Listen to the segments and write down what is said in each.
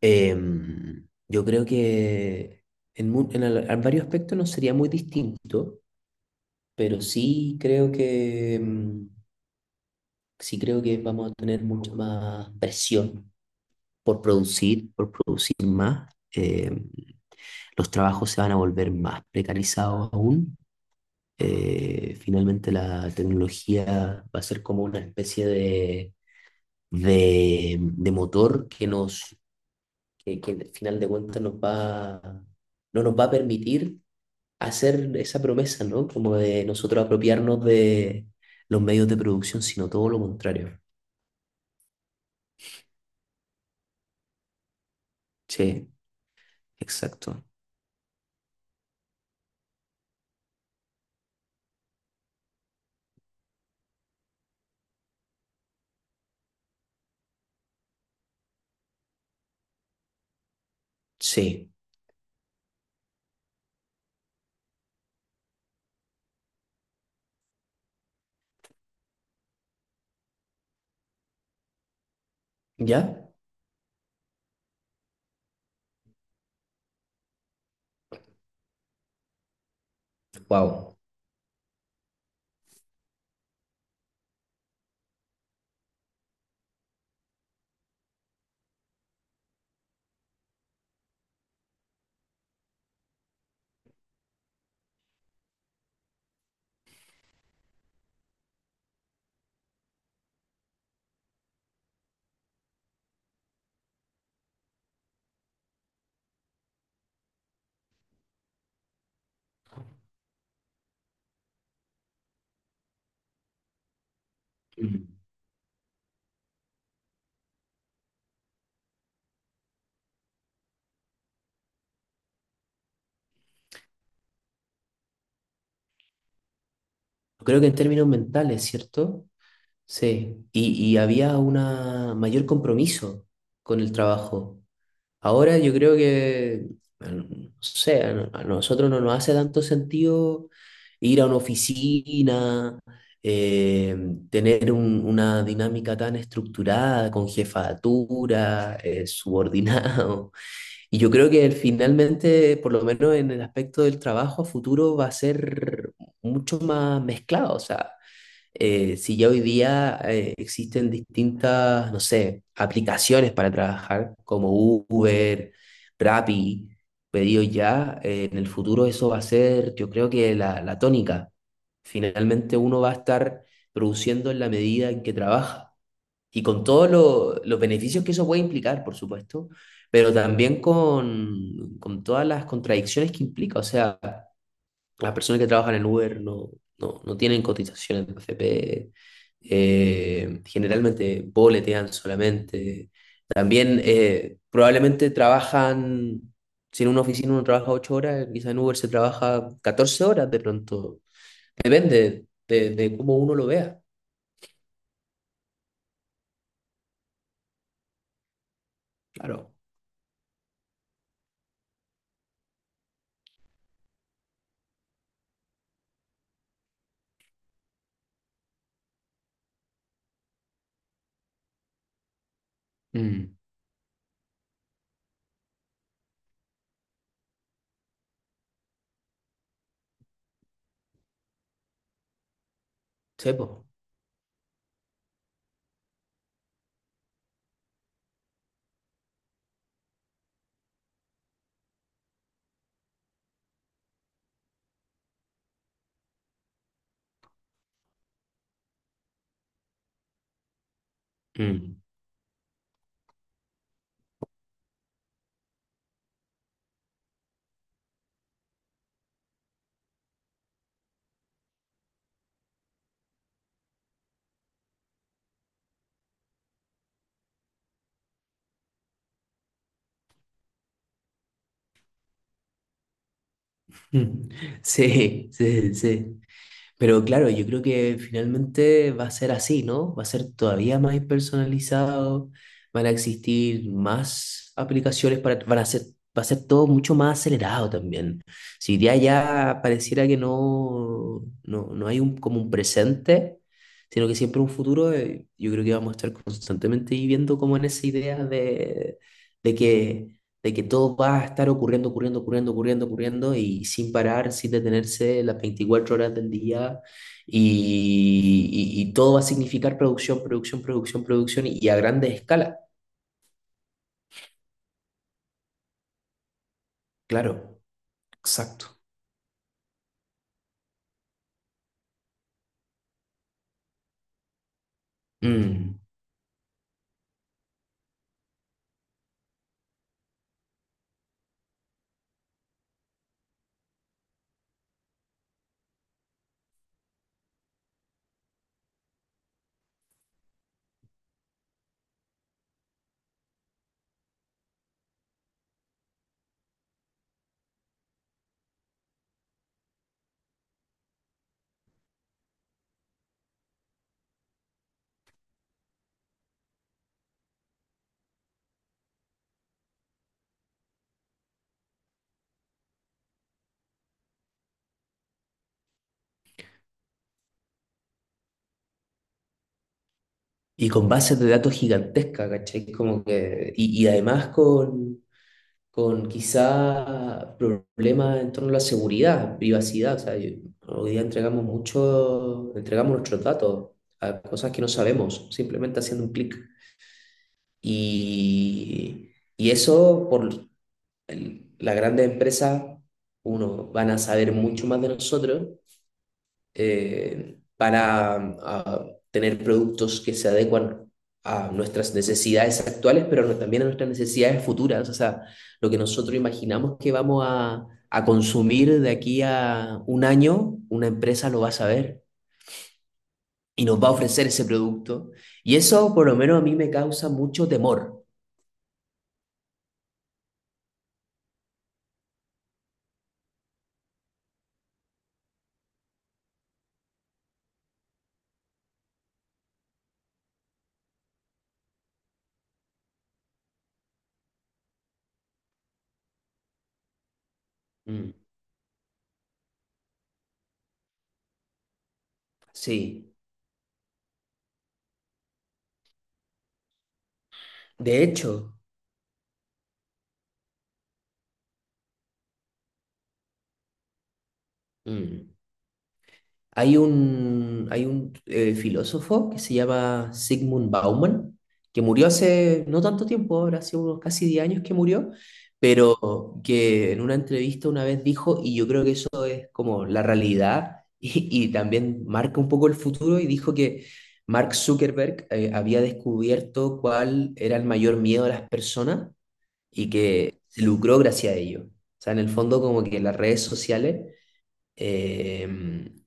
Yo creo que en, mu- en al- en varios aspectos no sería muy distinto, pero sí creo que sí creo que vamos a tener mucha más presión por producir más. Los trabajos se van a volver más precarizados aún. Finalmente la tecnología va a ser como una especie de, de motor que al final de cuentas no nos va a permitir hacer esa promesa, ¿no? Como de nosotros apropiarnos de los medios de producción, sino todo lo contrario. Sí, exacto. Sí. ¿Ya? Wow. Creo que en términos mentales, ¿cierto? Sí. Y había un mayor compromiso con el trabajo. Ahora yo creo que, bueno, no sé, a nosotros no nos hace tanto sentido ir a una oficina, eh, tener una dinámica tan estructurada, con jefatura, subordinado. Y yo creo que finalmente, por lo menos en el aspecto del trabajo a futuro, va a ser mucho más mezclado. O sea, si ya hoy día existen distintas, no sé, aplicaciones para trabajar como Uber, Rappi, Pedido Ya, en el futuro eso va a ser, yo creo que la tónica. Finalmente uno va a estar produciendo en la medida en que trabaja y con todos los beneficios que eso puede implicar, por supuesto, pero también con todas las contradicciones que implica. O sea, las personas que trabajan en Uber no tienen cotización en FP, generalmente boletean solamente. También probablemente trabajan, si en una oficina uno trabaja 8 horas, quizá en Uber se trabaja 14 horas de pronto. Depende de cómo uno lo vea, claro. Mm, sí, po. Mm. Sí, sí, sí. Pero claro, yo creo que finalmente va a ser así, ¿no? Va a ser todavía más personalizado, van a existir más aplicaciones para, van a ser, va a ser todo mucho más acelerado también. Si ya pareciera que no hay un, como un presente, sino que siempre un futuro, yo creo que vamos a estar constantemente viviendo como en esa idea de, de que de que todo va a estar ocurriendo, ocurriendo, ocurriendo, ocurriendo, ocurriendo y sin parar, sin detenerse las 24 horas del día y, y todo va a significar producción, producción, producción, producción y a grande escala. Claro, exacto. Mm. Y con bases de datos gigantescas, ¿cachai? Como que, y además con quizá problemas en torno a la seguridad, privacidad. O sea, yo- hoy día entregamos mucho, entregamos nuestros datos a cosas que no sabemos, simplemente haciendo un clic. Y, y eso por las grandes empresas, uno, van a saber mucho más de nosotros para ah, tener productos que se adecuan a nuestras necesidades actuales, pero no- también a nuestras necesidades futuras, o sea, lo que nosotros imaginamos que vamos a consumir de aquí a 1 año, una empresa lo va a saber y nos va a ofrecer ese producto. Y eso por lo menos a mí me causa mucho temor. Mm, sí, de hecho, mm, hay un, hay un filósofo que se llama Sigmund Bauman, que murió hace no tanto tiempo, ahora hace unos casi 10 años que murió, pero que en una entrevista una vez dijo, y yo creo que eso es como la realidad y también marca un poco el futuro, y dijo que Mark Zuckerberg había descubierto cuál era el mayor miedo de las personas y que se lucró gracias a ello. O sea, en el fondo como que las redes sociales eh,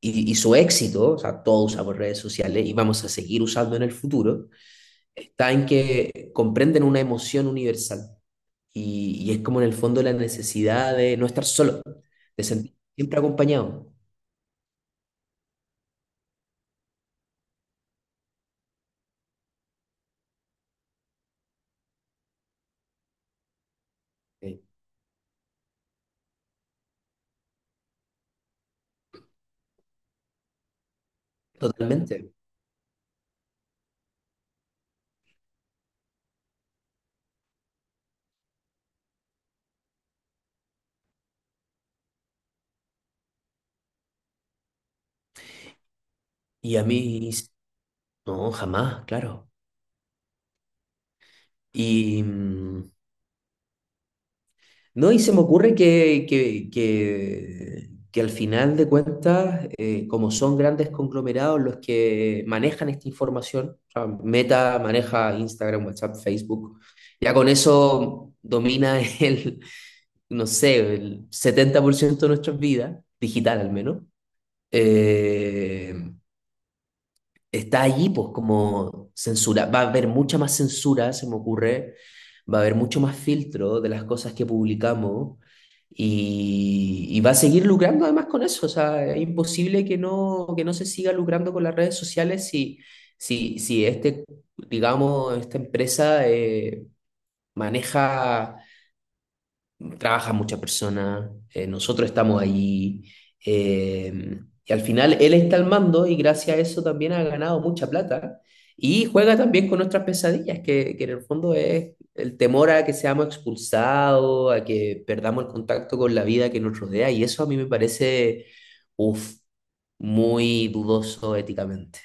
y su éxito, o sea, todos usamos redes sociales y vamos a seguir usando en el futuro, está en que comprenden una emoción universal. Y es como en el fondo la necesidad de no estar solo, de sentir siempre acompañado. Sí. Totalmente. Y a mí, no, jamás, claro. Y, mm, no, y se me ocurre que al final de cuentas, como son grandes conglomerados los que manejan esta información, o sea, Meta maneja Instagram, WhatsApp, Facebook, ya con eso domina el, no sé, el 70% de nuestras vidas, digital al menos. Eh, Está allí, pues como censura. Va a haber mucha más censura, se me ocurre. Va a haber mucho más filtro de las cosas que publicamos y va a seguir lucrando además con eso. O sea, es imposible que no se siga lucrando con las redes sociales si este, digamos, esta empresa maneja trabaja mucha persona, nosotros estamos allí, y al final él está al mando y gracias a eso también ha ganado mucha plata y juega también con nuestras pesadillas, que en el fondo es el temor a que seamos expulsados, a que perdamos el contacto con la vida que nos rodea y eso a mí me parece, uf, muy dudoso éticamente.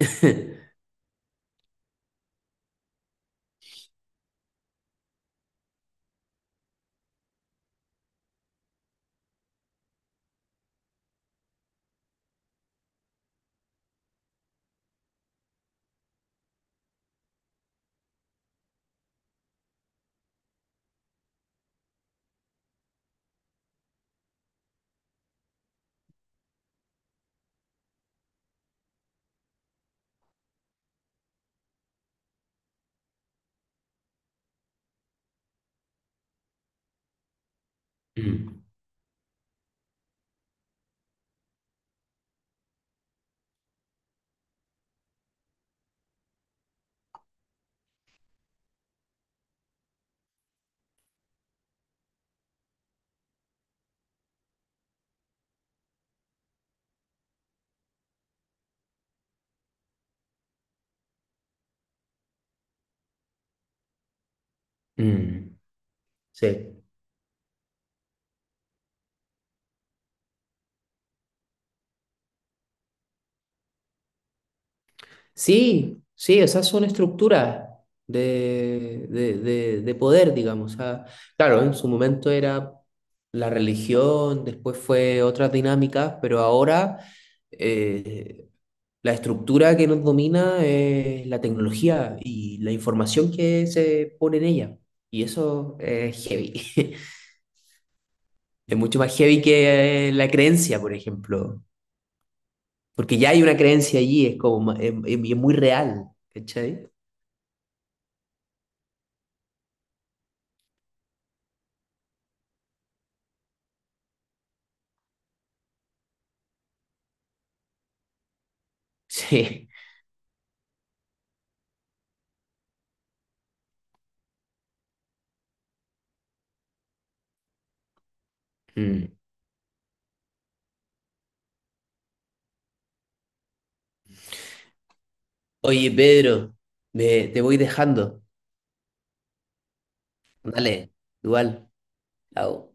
Mm, mm, sí. Sí, sí, esas son estructuras de, de poder, digamos. O sea, claro, en su momento era la religión, después fue otras dinámicas, pero ahora eh, la estructura que nos domina es la tecnología y la información que se pone en ella. Y eso es heavy. Es mucho más heavy que la creencia, por ejemplo. Porque ya hay una creencia allí, es como, y es muy real, ¿cachai? Sí. Mm. Oye, Pedro, me, te voy dejando. Dale, igual. Chao.